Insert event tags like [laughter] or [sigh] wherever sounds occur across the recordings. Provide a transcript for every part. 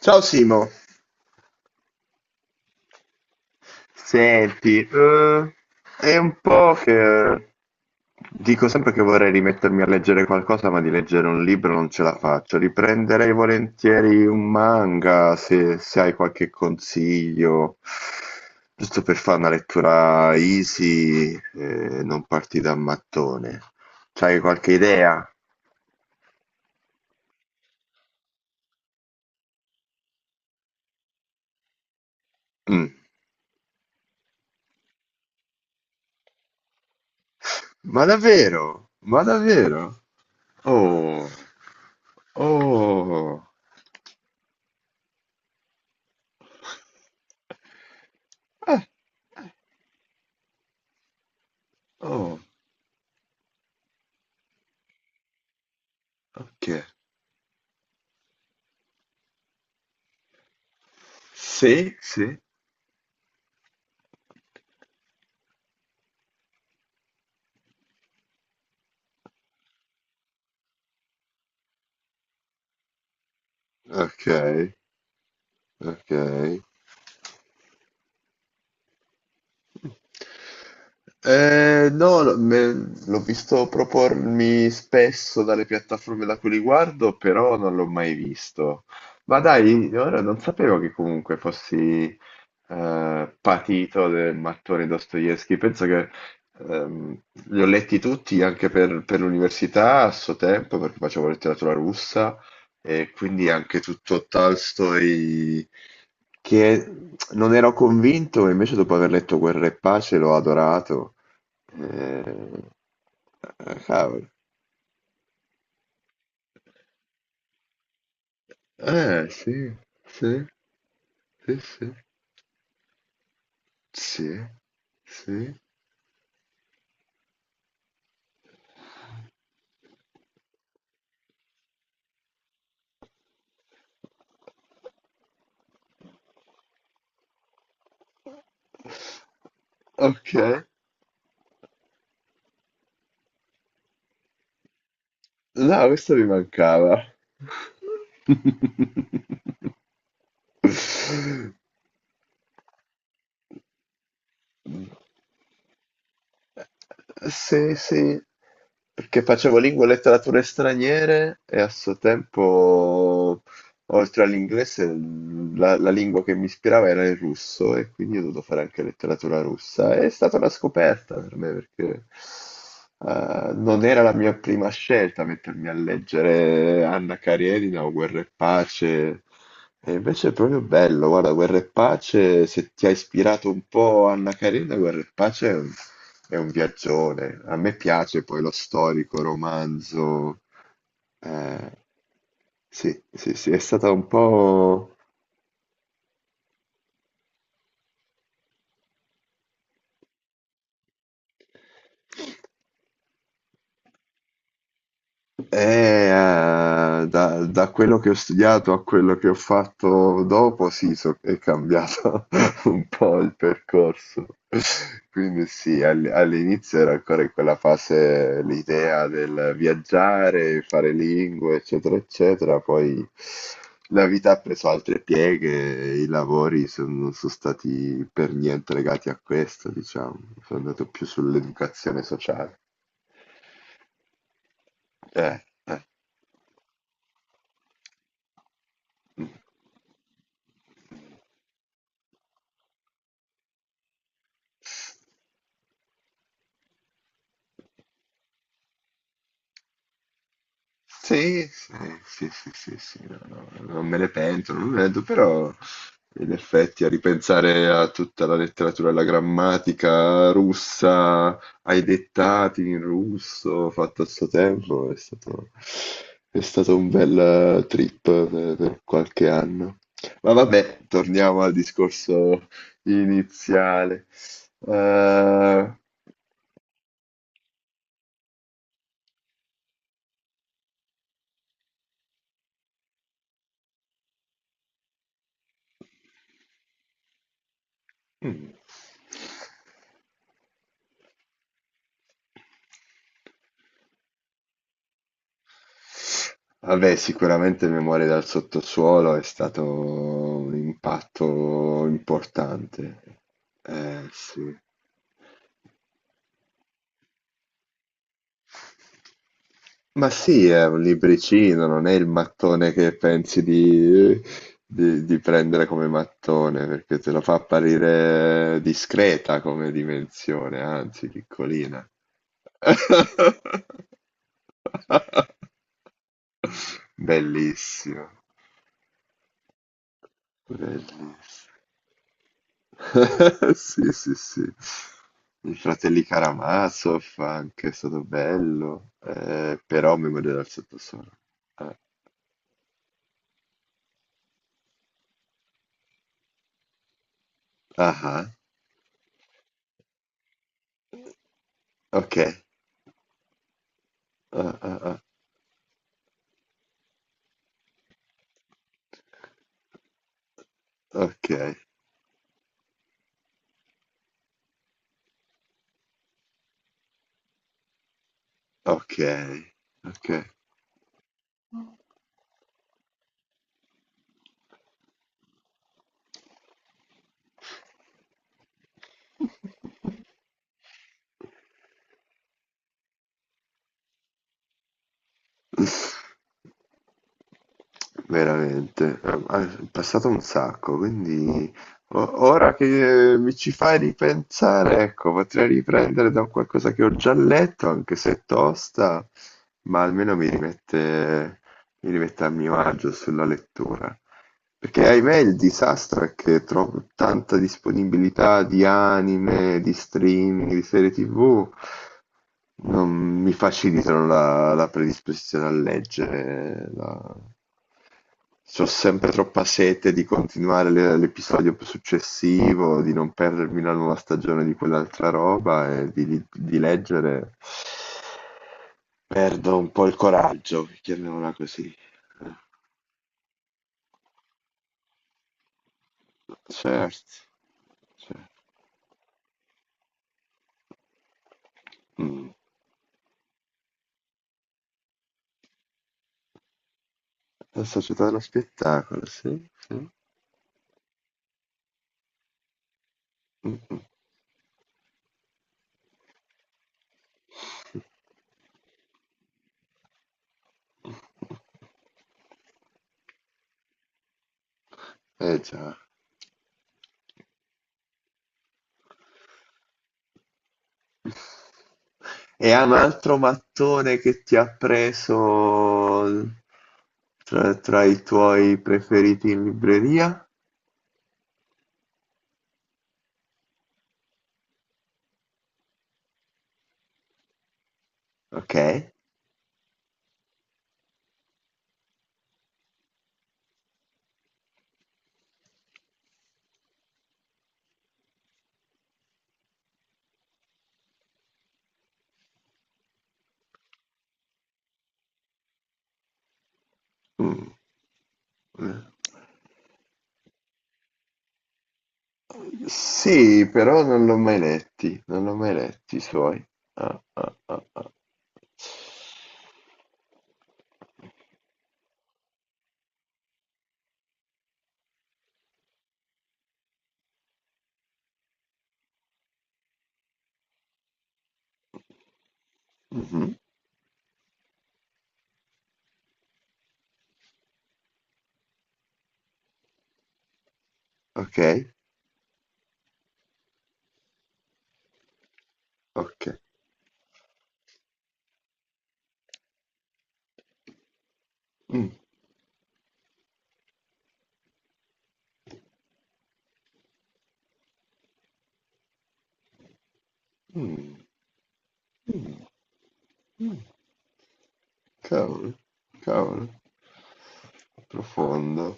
Ciao Simo, senti, è un po' che dico sempre che vorrei rimettermi a leggere qualcosa, ma di leggere un libro non ce la faccio. Riprenderei volentieri un manga se hai qualche consiglio, giusto per fare una lettura easy e non partire da mattone. C'hai qualche idea? Mm. Ma davvero? Ma davvero? Oh, oh. Eh, eh, oh, ok. Sì, sì, ok, ok. No, no, l'ho visto propormi spesso dalle piattaforme da cui li guardo, però non l'ho mai visto. Ma dai, ora non sapevo che comunque fossi patito del mattone Dostoevsky. Penso che ehm, li ho letti tutti anche per l'università a suo tempo, perché facevo letteratura russa. E quindi anche tutto Tolstoi, che non ero convinto, e invece dopo aver letto Guerra e Pace l'ho adorato. Eh, ah, cavolo. Sì, sì, sì, sì, sì, sì. Ok, no, questo mi mancava. [laughs] Sì, sì, perché facevo lingua e letterature straniere e a suo tempo oltre all'inglese, la lingua che mi ispirava era il russo e quindi ho dovuto fare anche letteratura russa. È stata una scoperta per me perché non era la mia prima scelta mettermi a leggere Anna Karenina o Guerra e Pace. E invece è proprio bello, guarda, Guerra e Pace, se ti ha ispirato un po' Anna Karenina, Guerra e Pace è un viaggione. A me piace poi lo storico, romanzo. Eh, sì, sì, sì, è stata un po'. Da quello che ho studiato a quello che ho fatto dopo, sì, è cambiato [laughs] un po' il percorso. Quindi sì, all'inizio era ancora in quella fase l'idea del viaggiare, fare lingue, eccetera, eccetera. Poi la vita ha preso altre pieghe, e i lavori non sono stati per niente legati a questo, diciamo. Sono andato più sull'educazione sociale. Eh. Sì, sì, sì, sì, sì, sì, no, no, non me ne pento, non me ne pento, però in effetti a ripensare a tutta la letteratura, alla grammatica russa, ai dettati in russo fatto a suo tempo, è stato un bel trip per qualche anno. Ma vabbè, torniamo al discorso iniziale. Eh, mm. Vabbè, sicuramente Memorie dal sottosuolo è stato un impatto importante. Sì. Ma sì, è un libricino, non è il mattone che pensi di prendere come mattone, perché te lo fa apparire discreta come dimensione, anzi piccolina. [laughs] Bellissimo, bellissimo. [laughs] Sì, sì, sì. I fratelli Karamazov anche, è stato bello. Però Memoria del sottosuolo. Ah, ah, ah, ok. Ah, ah, ah, ok, ok, ok. [laughs] Veramente, ah, è passato un sacco, quindi ora che mi ci fai ripensare, ecco, potrei riprendere da qualcosa che ho già letto, anche se è tosta, ma almeno mi rimette a mio agio sulla lettura. Perché ahimè il disastro è che trovo tanta disponibilità di anime, di streaming, di serie TV. Non mi facilitano la predisposizione a leggere la. C'ho sempre troppa sete di continuare l'episodio successivo, di non perdermi la nuova stagione di quell'altra roba e di leggere. Perdo un po' il coraggio, chiamiamola così. Eh, Certo, certo. Mm. La società dello spettacolo, sì. Sì. Mm, mm. Mm, mm. Eh già. E ha un altro mattone che ti ha preso tra i tuoi preferiti in libreria? Ok. Mm. Sì, però non l'ho mai letti, non l'ho mai letti i suoi. Ah, ah, ah, ah. Mhm. Ok, ok. Mm, mm, mm, mm. Cavolo, cavolo, profondo.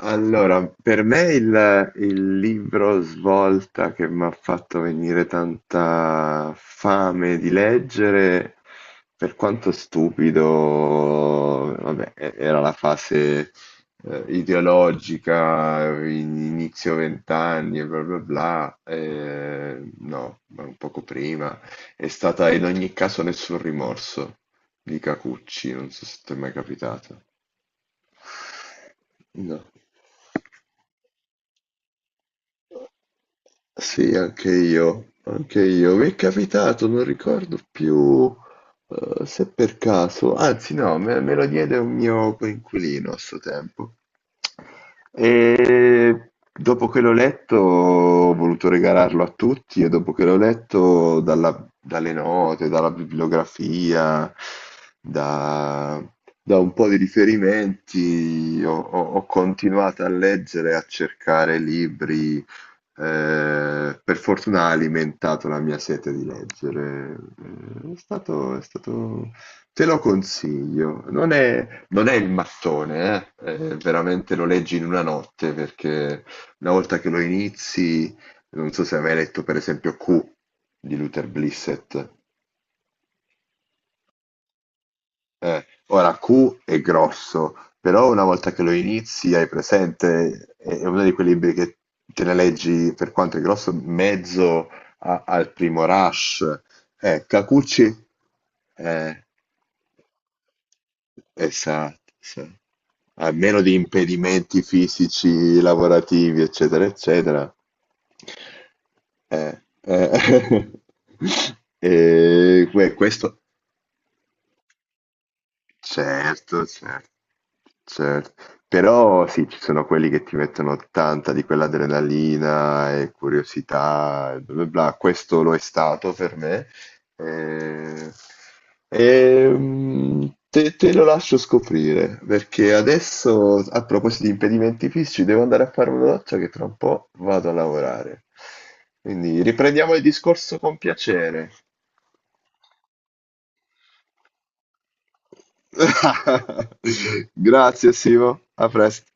Allora, per me il libro svolta che mi ha fatto venire tanta fame di leggere, per quanto stupido, vabbè, era la fase ideologica, inizio vent'anni e bla bla bla, no, ma un poco prima. È stata in ogni caso Nessun rimorso di Kikuchi, non so se t'è mai capitata. No. Sì, anche io, anche io. Mi è capitato, non ricordo più se per caso, anzi no, me lo diede un mio coinquilino a suo tempo. E dopo che l'ho letto ho voluto regalarlo a tutti e dopo che l'ho letto dalle note, dalla bibliografia, da, da un po' di riferimenti, ho continuato a leggere, a cercare libri per fortuna ha alimentato la mia sete di leggere. È stato, è stato... Te lo consiglio. Non è il mattone, eh. Veramente lo leggi in una notte perché una volta che lo inizi, non so se hai mai letto per esempio Q di Luther Blissett. Ora Q è grosso, però una volta che lo inizi hai presente, è uno di quei libri che te ne leggi per quanto è grosso, mezzo al primo rush. Kakuchi, eh, esatto, sì. A meno di impedimenti fisici, lavorativi, eccetera, eccetera. Eh, eh. [laughs] E questo certo, certo, certo. Però sì, ci sono quelli che ti mettono tanta di quell'adrenalina e curiosità, e bla bla bla. Questo lo è stato per me. Eh, te, te lo lascio scoprire, perché adesso, a proposito di impedimenti fisici, devo andare a fare una doccia che tra un po' vado a lavorare. Quindi riprendiamo il discorso con piacere. [laughs] Grazie, Simo. A presto.